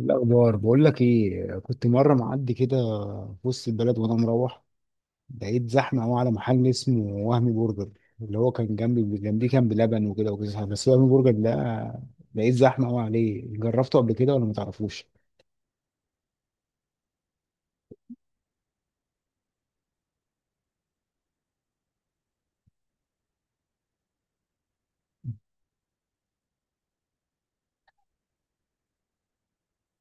الأخبار بقول لك إيه، كنت مرة معدي كده في وسط البلد وأنا مروح، لقيت زحمة أوي على محل اسمه وهمي برجر، اللي هو كان جنبيه كان بلبن وكده وكده، بس وهمي برجر ده لقيت زحمة أوي عليه. جربته قبل كده ولا ما تعرفوش؟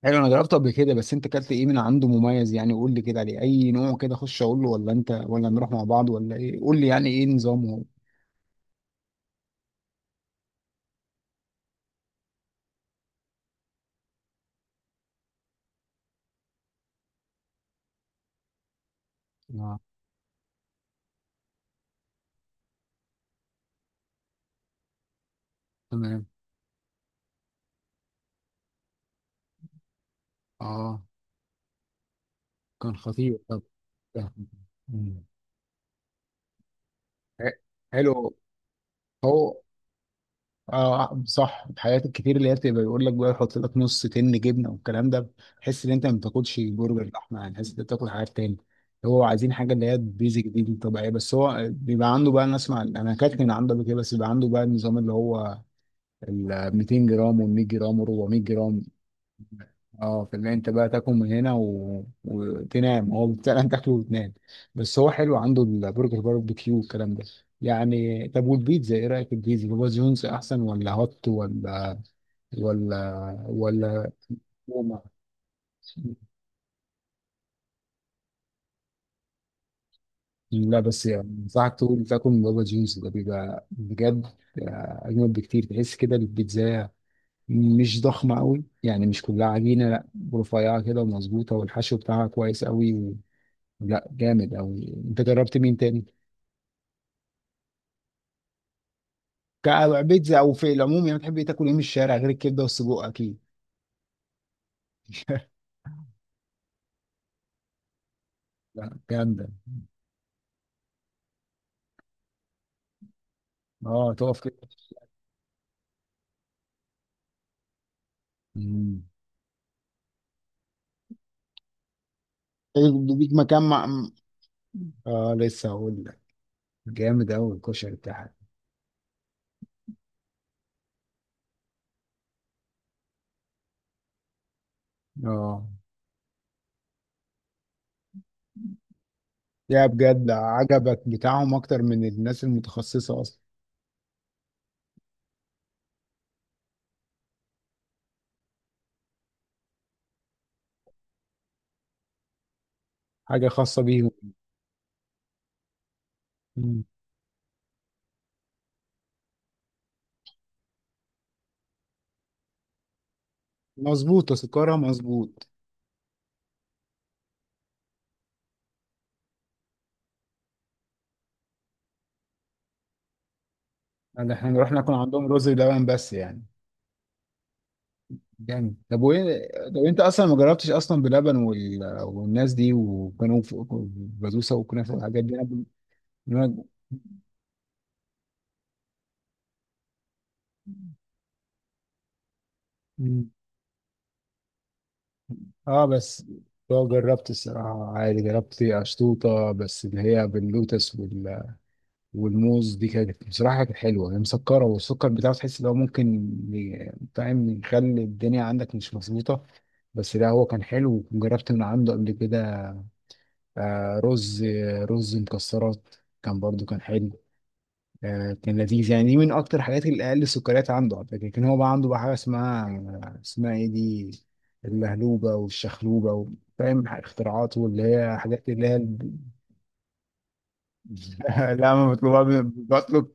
حلو، أنا جربته قبل كده، بس أنت أكلت إيه من عنده مميز؟ يعني قول لي كده عليه أي نوع كده أخش أقول له، ولا أنت ولا نروح مع بعض ولا إيه؟ قول لي يعني إيه نظامه؟ آه. تمام. آه، كان خطير طب. مم. حلو. هو اه صح، الحاجات الكتير اللي هي بتبقى بيقول لك بقى، يحط لك نص تن جبنه والكلام ده، تحس ان انت ما بتاكلش برجر لحمه، يعني تحس ان انت بتاكل حاجات تاني. هو عايزين حاجه اللي هي بيزك دي الطبيعيه، بس هو بيبقى عنده بقى، انا اسمع انا اكلت من عنده قبل كده، بس بيبقى عنده بقى النظام اللي هو ال 200 جرام وال 100 جرام و 400 جرام. اه، فاللي انت بقى تاكل من هنا وتنام، هو فعلا تاكله وتنام. بس هو حلو عنده البرجر باربيكيو والكلام ده. يعني طب والبيتزا، ايه رايك في البيتزا؟ بابا جونز احسن ولا هوت ولا ولا روما؟ لا بس يعني انصحك تقول تاكل من بابا جونز ده، بيبقى بجد اجمل بكتير. تحس كده البيتزا مش ضخمه قوي، يعني مش كلها عجينه، لا، رفيعه كده ومظبوطه، والحشو بتاعها كويس قوي. لا جامد قوي. انت جربت مين تاني؟ بيتزا او في العموم يعني، بتحب إيه تاكل ايه من الشارع غير الكبده والسجق اكيد؟ لا جامده. اه، تقف كده. مم. طيب، ليك مكان مع، آه لسه هقول لك. جامد قوي الكشري بتاعها. اه، لا بجد عجبك بتاعهم اكتر من الناس المتخصصه اصلا؟ حاجه خاصه بيهم. مم. مظبوط، سكرها مظبوط. يعني احنا رحنا ناكل عندهم رز بلبن بس يعني. جامد. طب وايه، طب انت اصلا ما جربتش اصلا بلبن والناس دي، وكانوا في بسبوسه وكنافه والحاجات دي أنا ب- مم. اه بس، اه جربت الصراحه عادي، جربت اشطوطه بس اللي هي باللوتس والموز دي، كانت بصراحة كانت حلوة. هي مسكرة والسكر بتاعه تحس إن هو ممكن فاهم، يخلي الدنيا عندك مش مظبوطة، بس لا هو كان حلو. وجربت من عنده قبل كده آه، رز، رز مكسرات، كان برضو كان حلو. آه، كان لذيذ يعني. دي من أكتر الحاجات اللي أقل السكريات عنده على فكرة. كان هو بقى عنده بقى حاجة اسمها إيه دي، اللهلوبة والشخلوبة، فاهم، اختراعات، واللي هي حاجات اللي هي. لا ما بطلبها، بطلب،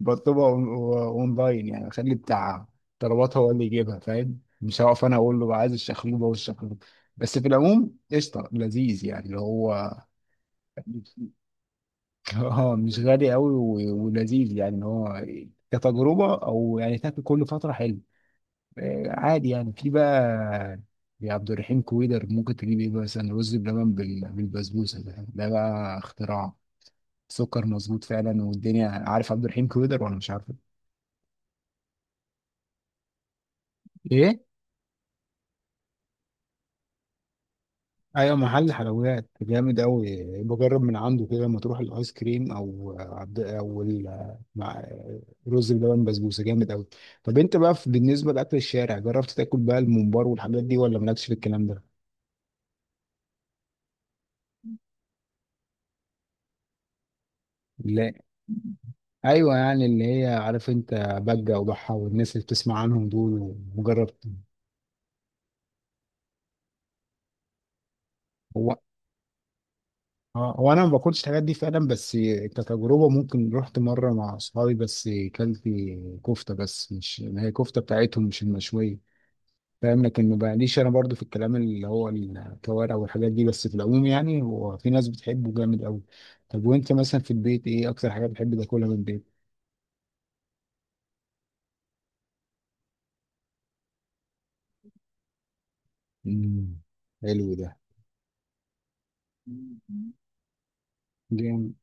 اونلاين يعني، اخلي بتاع طلبات هو اللي يجيبها، فاهم، مش هقف انا اقول له عايز الشخلوبه والشخلوبه. بس في العموم قشطه لذيذ يعني اللي هو اه مش غالي قوي ولذيذ يعني، ان هو كتجربه او يعني تاكل كل فتره حلو. آه، عادي يعني في بقى، يا عبد الرحيم كويدر ممكن تجيب ايه، مثلا رز بلبن بالبسبوسه، ده بقى اختراع. سكر مظبوط فعلا، والدنيا. عارف عبد الرحيم كويدر ولا مش عارفه؟ ايه. ايوه، محل حلويات جامد قوي، بجرب من عنده كده، لما تروح الايس كريم او عبد او مع رز بلبن بسبوسه، جامد قوي. طب انت بقى بالنسبه لاكل الشارع، جربت تاكل بقى الممبار والحاجات دي، ولا مالكش في الكلام ده؟ لا، ايوه يعني اللي هي، عارف انت، بجه وضحى والناس اللي بتسمع عنهم دول، وجربت. اه هو انا ما باكلش الحاجات دي فعلا، بس كتجربه ممكن رحت مره مع اصحابي، بس كلت كفته بس، مش، ما هي كفته بتاعتهم مش المشويه فاهم، لكن ما بقاليش انا برضو في الكلام اللي هو الكوارع والحاجات دي. بس في العموم يعني هو في ناس بتحبه جامد قوي. طب وانت مثلا في البيت، ايه اكتر حاجه بتحب تاكلها من البيت؟ امم حلو ده. جامد،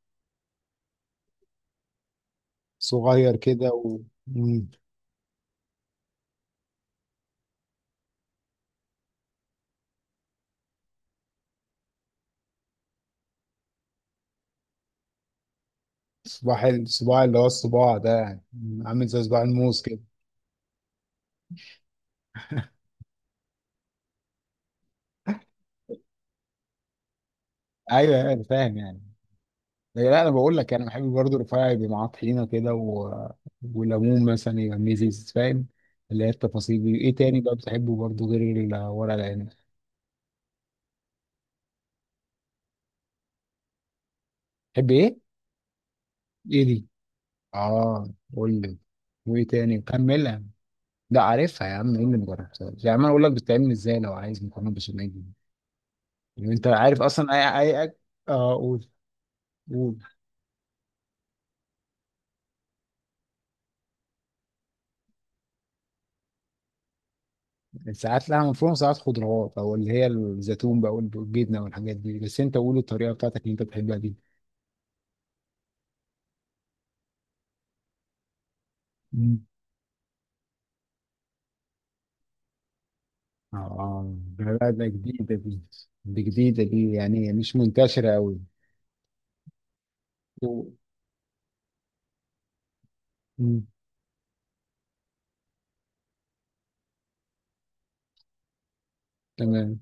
صغير كده و مم. الصباع اللي هو الصباع ده يعني. عامل زي صباع الموز كده. ايوه فاهم يعني. لا لا، انا بقول لك انا بحب برضه رفاعي، يبقى معاه طحينه كده وليمون مثلا، يبقى ميزيز فاهم، اللي هي التفاصيل دي. ايه تاني بقى بتحبه برضه غير الورق العنب؟ تحب ايه؟ ايه دي؟ اه قول لي. وايه تاني، كملها. لا عارفها يا عم، ايه اللي مجربتهاش يا عم؟ انا اقول لك بتتعمل ازاي، لو عايز مكرونه بشاميل دي. يعني انت عارف اصلا، اي اي اه قول، قول. ساعات لها مفروم، ساعات خضروات، او اللي هي الزيتون بقى والجبنه والحاجات دي، بس انت قول الطريقه بتاعتك اللي انت بتحبها دي. اه ده لا، ده جديدة دي، دي جديدة دي، يعني مش منتشرة أوي. مم. مم. تمام.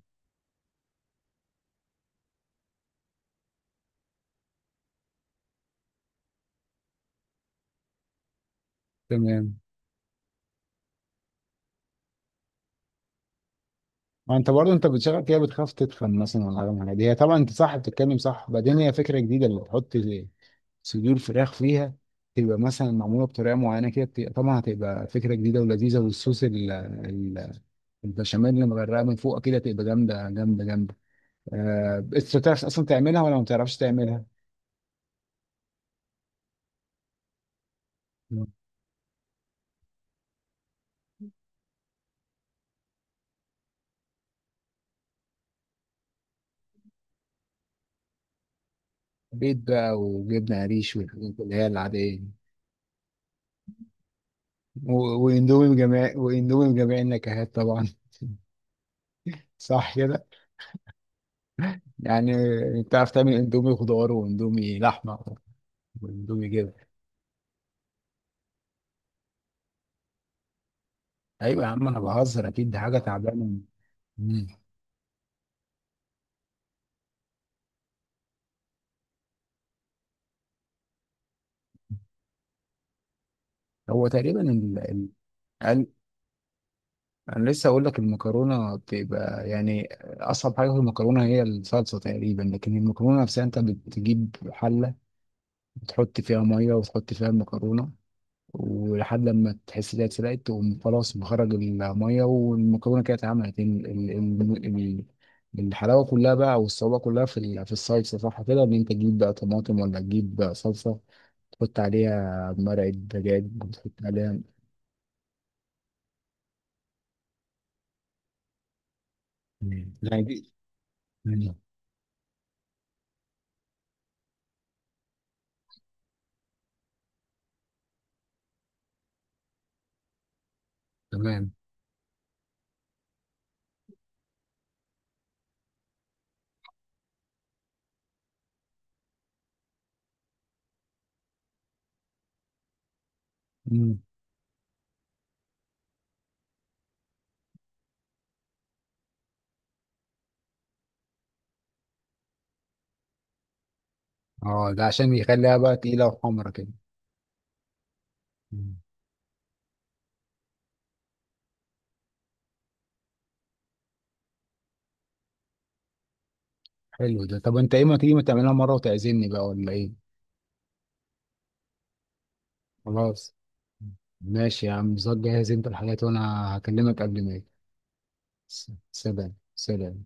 تمام. وانت برضه انت بتشغل فيها بتخاف تدخن مثلا ولا حاجه من الحاجات دي هي طبعا انت صح بتتكلم صح بعدين هي فكره جديده اللي تحط صدور فراخ فيها تبقى مثلا معموله بطريقه معينه كده بتبقى- طبعا هتبقى فكره جديده ولذيذه والصوص ال- ال- البشاميل اللي مغرقه من فوق كده تبقى جامده جامده جامده آه، انت بتعرف اصلا تعملها ولا ما بتعرفش تعملها؟ بيض بقى وجبنة قريش والحاجات اللي هي العادية دي. و- واندومي بجميع واندومي بجميع النكهات طبعا صح كده يعني بتعرف تعمل اندومي خضار واندومي لحمة واندومي جبن ايوه يا عم انا بهزر اكيد دي حاجة تعبانة مم. هو تقريبا ال... ال... ال... انا لسه اقول لك المكرونة بتبقى يعني اصعب حاجة في المكرونة هي الصلصة تقريبا لكن المكرونة نفسها انت بتجيب حلة بتحط فيها مية وتحط فيها المكرونة ولحد لما تحس إنها اتسلقت تقوم خلاص مخرج المية والمكرونة كده اتعملت ال- ال- ال- ال- الحلاوة كلها بقى والصعوبة كلها في ال- في الصلصة صح كده إن أنت تجيب بقى طماطم ولا تجيب بقى صلصة تحط عليها مرقة دجاج وتحط عليها مم. لا دي مم. تمام مم. اه ده عشان يخليها بقى تقيلة وحمرا كده. مم. حلو ده. طب انت ايه، ما تيجي ما تعملها مرة وتعزمني بقى ولا ايه؟ خلاص ماشي يا عم، ظبط جاهز انت الحاجات، وانا هكلمك قبل ما اجي. سلام سلام.